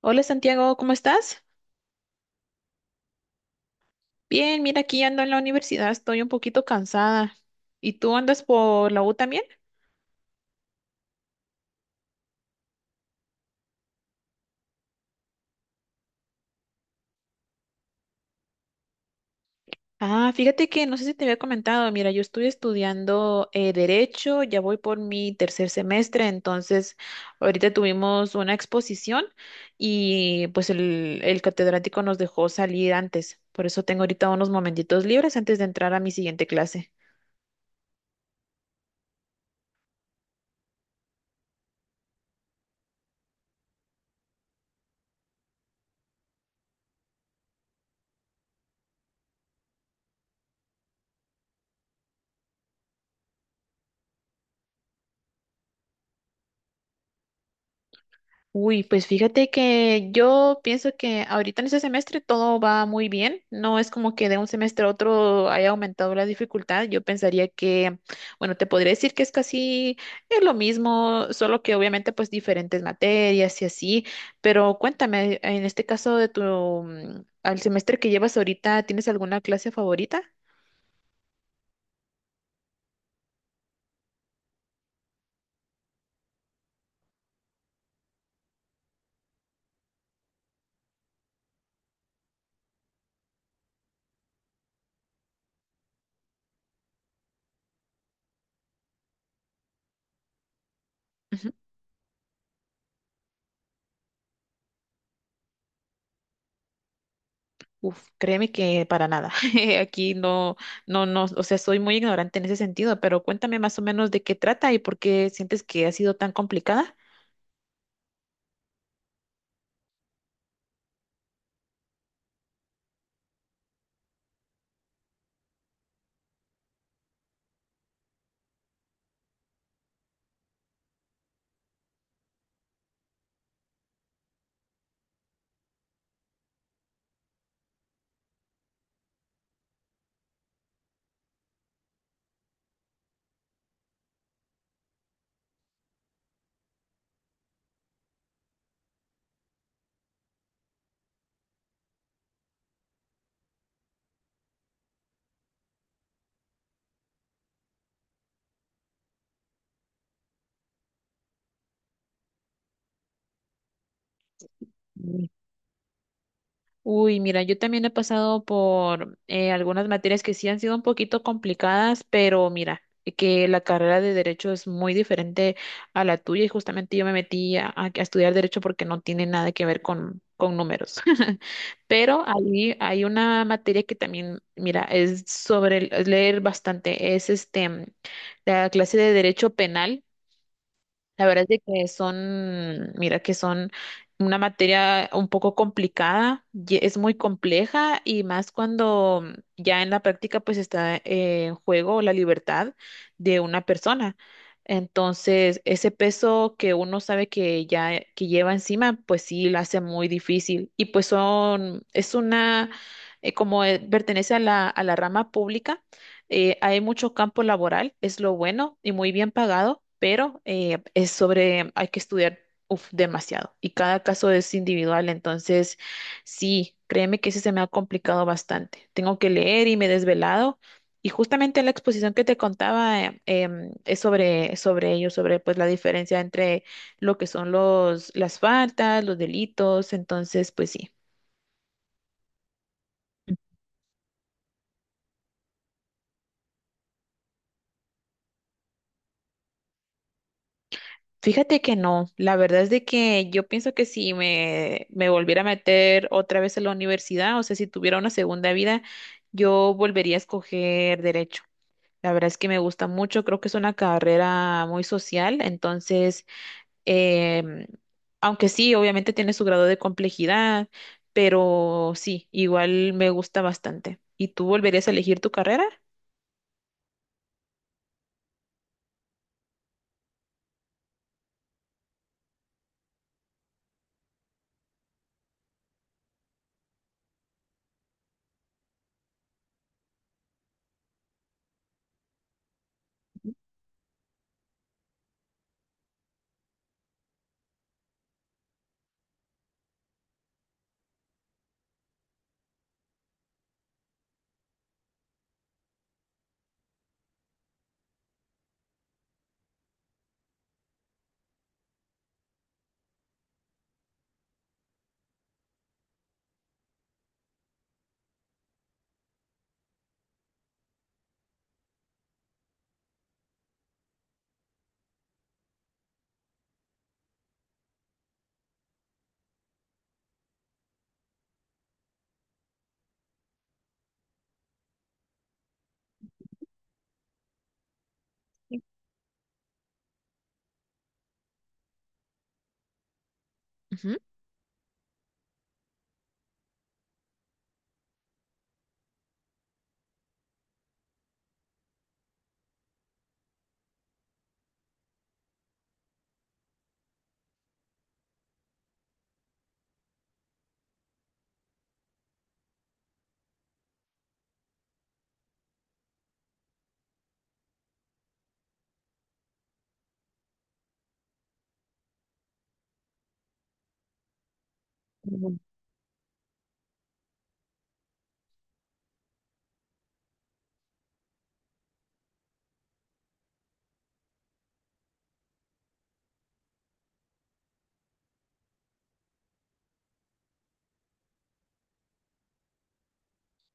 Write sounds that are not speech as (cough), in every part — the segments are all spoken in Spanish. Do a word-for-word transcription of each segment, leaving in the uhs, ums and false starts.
Hola Santiago, ¿cómo estás? Bien, mira, aquí ando en la universidad, estoy un poquito cansada. ¿Y tú andas por la U también? Ah, fíjate que no sé si te había comentado, mira, yo estoy estudiando eh, Derecho, ya voy por mi tercer semestre, entonces ahorita tuvimos una exposición y pues el, el catedrático nos dejó salir antes, por eso tengo ahorita unos momentitos libres antes de entrar a mi siguiente clase. Uy, pues fíjate que yo pienso que ahorita en este semestre todo va muy bien. No es como que de un semestre a otro haya aumentado la dificultad. Yo pensaría que, bueno, te podría decir que es casi eh, lo mismo, solo que obviamente pues diferentes materias y así. Pero cuéntame, en este caso de tu, mm, al semestre que llevas ahorita, ¿tienes alguna clase favorita? Uf, créeme que para nada. (laughs) Aquí no, no, no, o sea, soy muy ignorante en ese sentido, pero cuéntame más o menos de qué trata y por qué sientes que ha sido tan complicada. Mm. Uy, mira, yo también he pasado por eh, algunas materias que sí han sido un poquito complicadas, pero mira, que la carrera de derecho es muy diferente a la tuya y justamente yo me metí a, a- a estudiar derecho porque no tiene nada que ver con, con números. Pero ahí hay una materia que también, mira, es sobre el- es leer bastante, es este, mm, la clase de Derecho Penal. La verdad es de que son, mira, que son una materia un poco complicada, ye- es muy compleja y más cuando ya en la práctica pues está eh, en juego la libertad de una persona. Entonces, ese peso que uno sabe que ya que lleva encima, pues sí, la hace muy difícil. Y pues son, es una, eh, como eh, pertenece a la, a la rama pública. Eh, hay mucho campo laboral, es lo bueno y muy bien pagado, pero eh, es sobre, hay que estudiar uf, demasiado y cada caso es individual, entonces sí, créeme que ese se me ha complicado bastante. Tengo que leer y me he desvelado y justamente la exposición que te contaba eh, em, es sobre, sobre ello, sobre pues la diferencia entre lo que son los, las faltas, los delitos, entonces pues sí. Fíjate que no, la verdad es de que yo pienso que si me, me volviera a meter otra vez a la universidad, o sea, si tuviera una segunda vida, yo volvería a escoger derecho. La verdad es que me gusta mucho, creo que es una carrera muy social, entonces, em, aunque sí, obviamente tiene su grado de complejidad, pero sí, igual me gusta bastante. ¿Y tú volverías a elegir tu carrera? Ujú.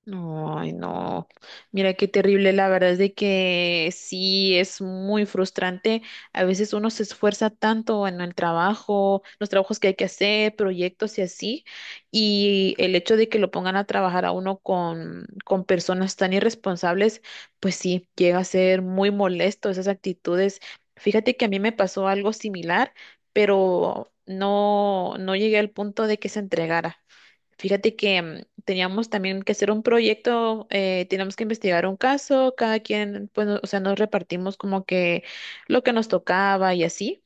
No, ay, no. Mira qué terrible. La verdad es de que sí es muy frustrante. A veces uno se esfuerza tanto en el trabajo, los trabajos que hay que hacer, proyectos y así. Y el hecho de que lo pongan a trabajar a uno con, con personas tan irresponsables, pues sí, llega a ser muy molesto esas actitudes. Fíjate que a mí me pasó algo similar, pero no, no llegué al punto de que se entregara. Fíjate que mm, teníamos también que hacer un proyecto, eh, teníamos que investigar un caso, cada quien, pues, no- o sea, nos repartimos como que lo que nos tocaba y así.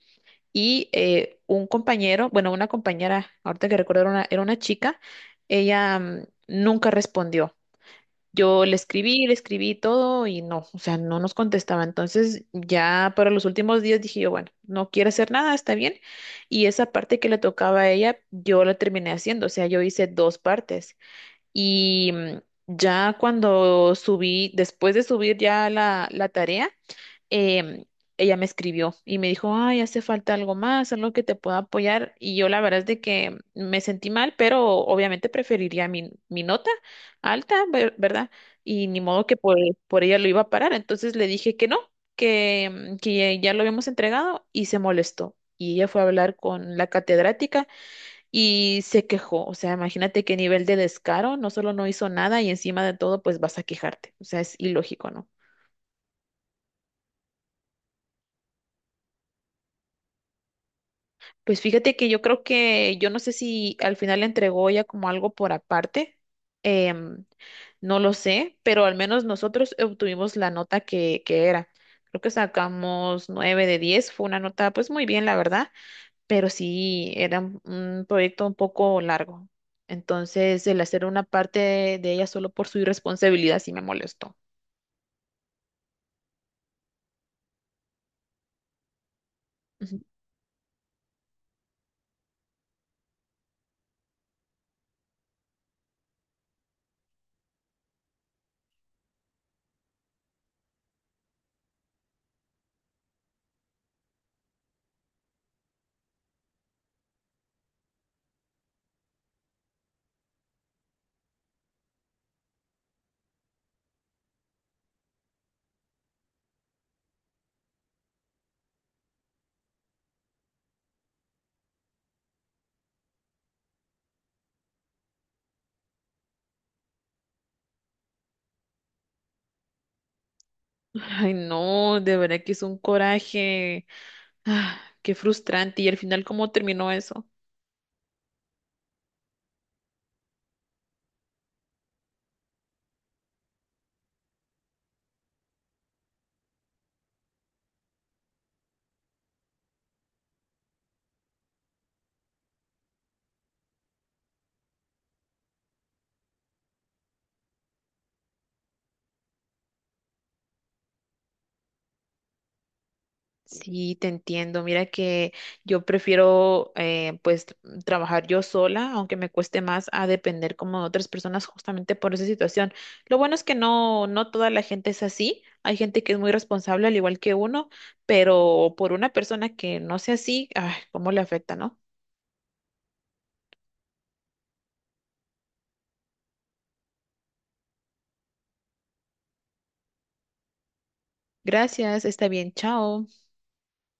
Y eh, un compañero, bueno, una compañera, ahorita que recuerdo, era una, era una chica, ella mm, nunca respondió. Yo le escribí, le escribí todo y no, o sea, no nos contestaba. Entonces, ya para los últimos días dije yo, bueno, no quiere hacer nada, está bien. Y esa parte que le tocaba a ella, yo la terminé haciendo, o sea, yo hice dos partes. Y mm, ya cuando subí, después de subir ya la, la tarea, em, ella me escribió y me dijo, ay, hace falta algo más, algo que te pueda apoyar. Y yo la verdad es de que me sentí mal, pero obviamente preferiría mi, mi nota alta, ver- ¿verdad? Y ni modo que por, por ella lo iba a parar. Entonces le dije que no, que, mm, que ya ya lo habíamos entregado y se molestó. Y ella fue a hablar con la catedrática y se quejó. O sea, imagínate qué nivel de descaro, no solo no hizo nada y encima de todo, pues vas a quejarte. O sea, es ilógico, ¿no? Pues fíjate que yo creo que, yo no sé si al final le entregó ya como algo por aparte, em, no lo sé, pero al menos nosotros obtuvimos la nota que, que era. Creo que sacamos nueve de diez, fue una nota pues muy bien, la verdad, pero sí era un un proyecto un poco largo. Entonces, el hacer una parte de ella solo por su irresponsabilidad sí me molestó. Ujú. Ay, no, de verdad que es un coraje. Ah, qué frustrante. Y al final, ¿cómo terminó eso? Sí, te entiendo. Mira que yo prefiero eh, pues trabajar yo sola, aunque me cueste más a depender como de otras personas justamente por esa situación. Lo bueno es que no, no toda la gente es así. Hay gente que es muy responsable al igual que uno, pero por una persona que no sea así, ay, cómo le afecta, ¿no? Gracias, está bien, chao.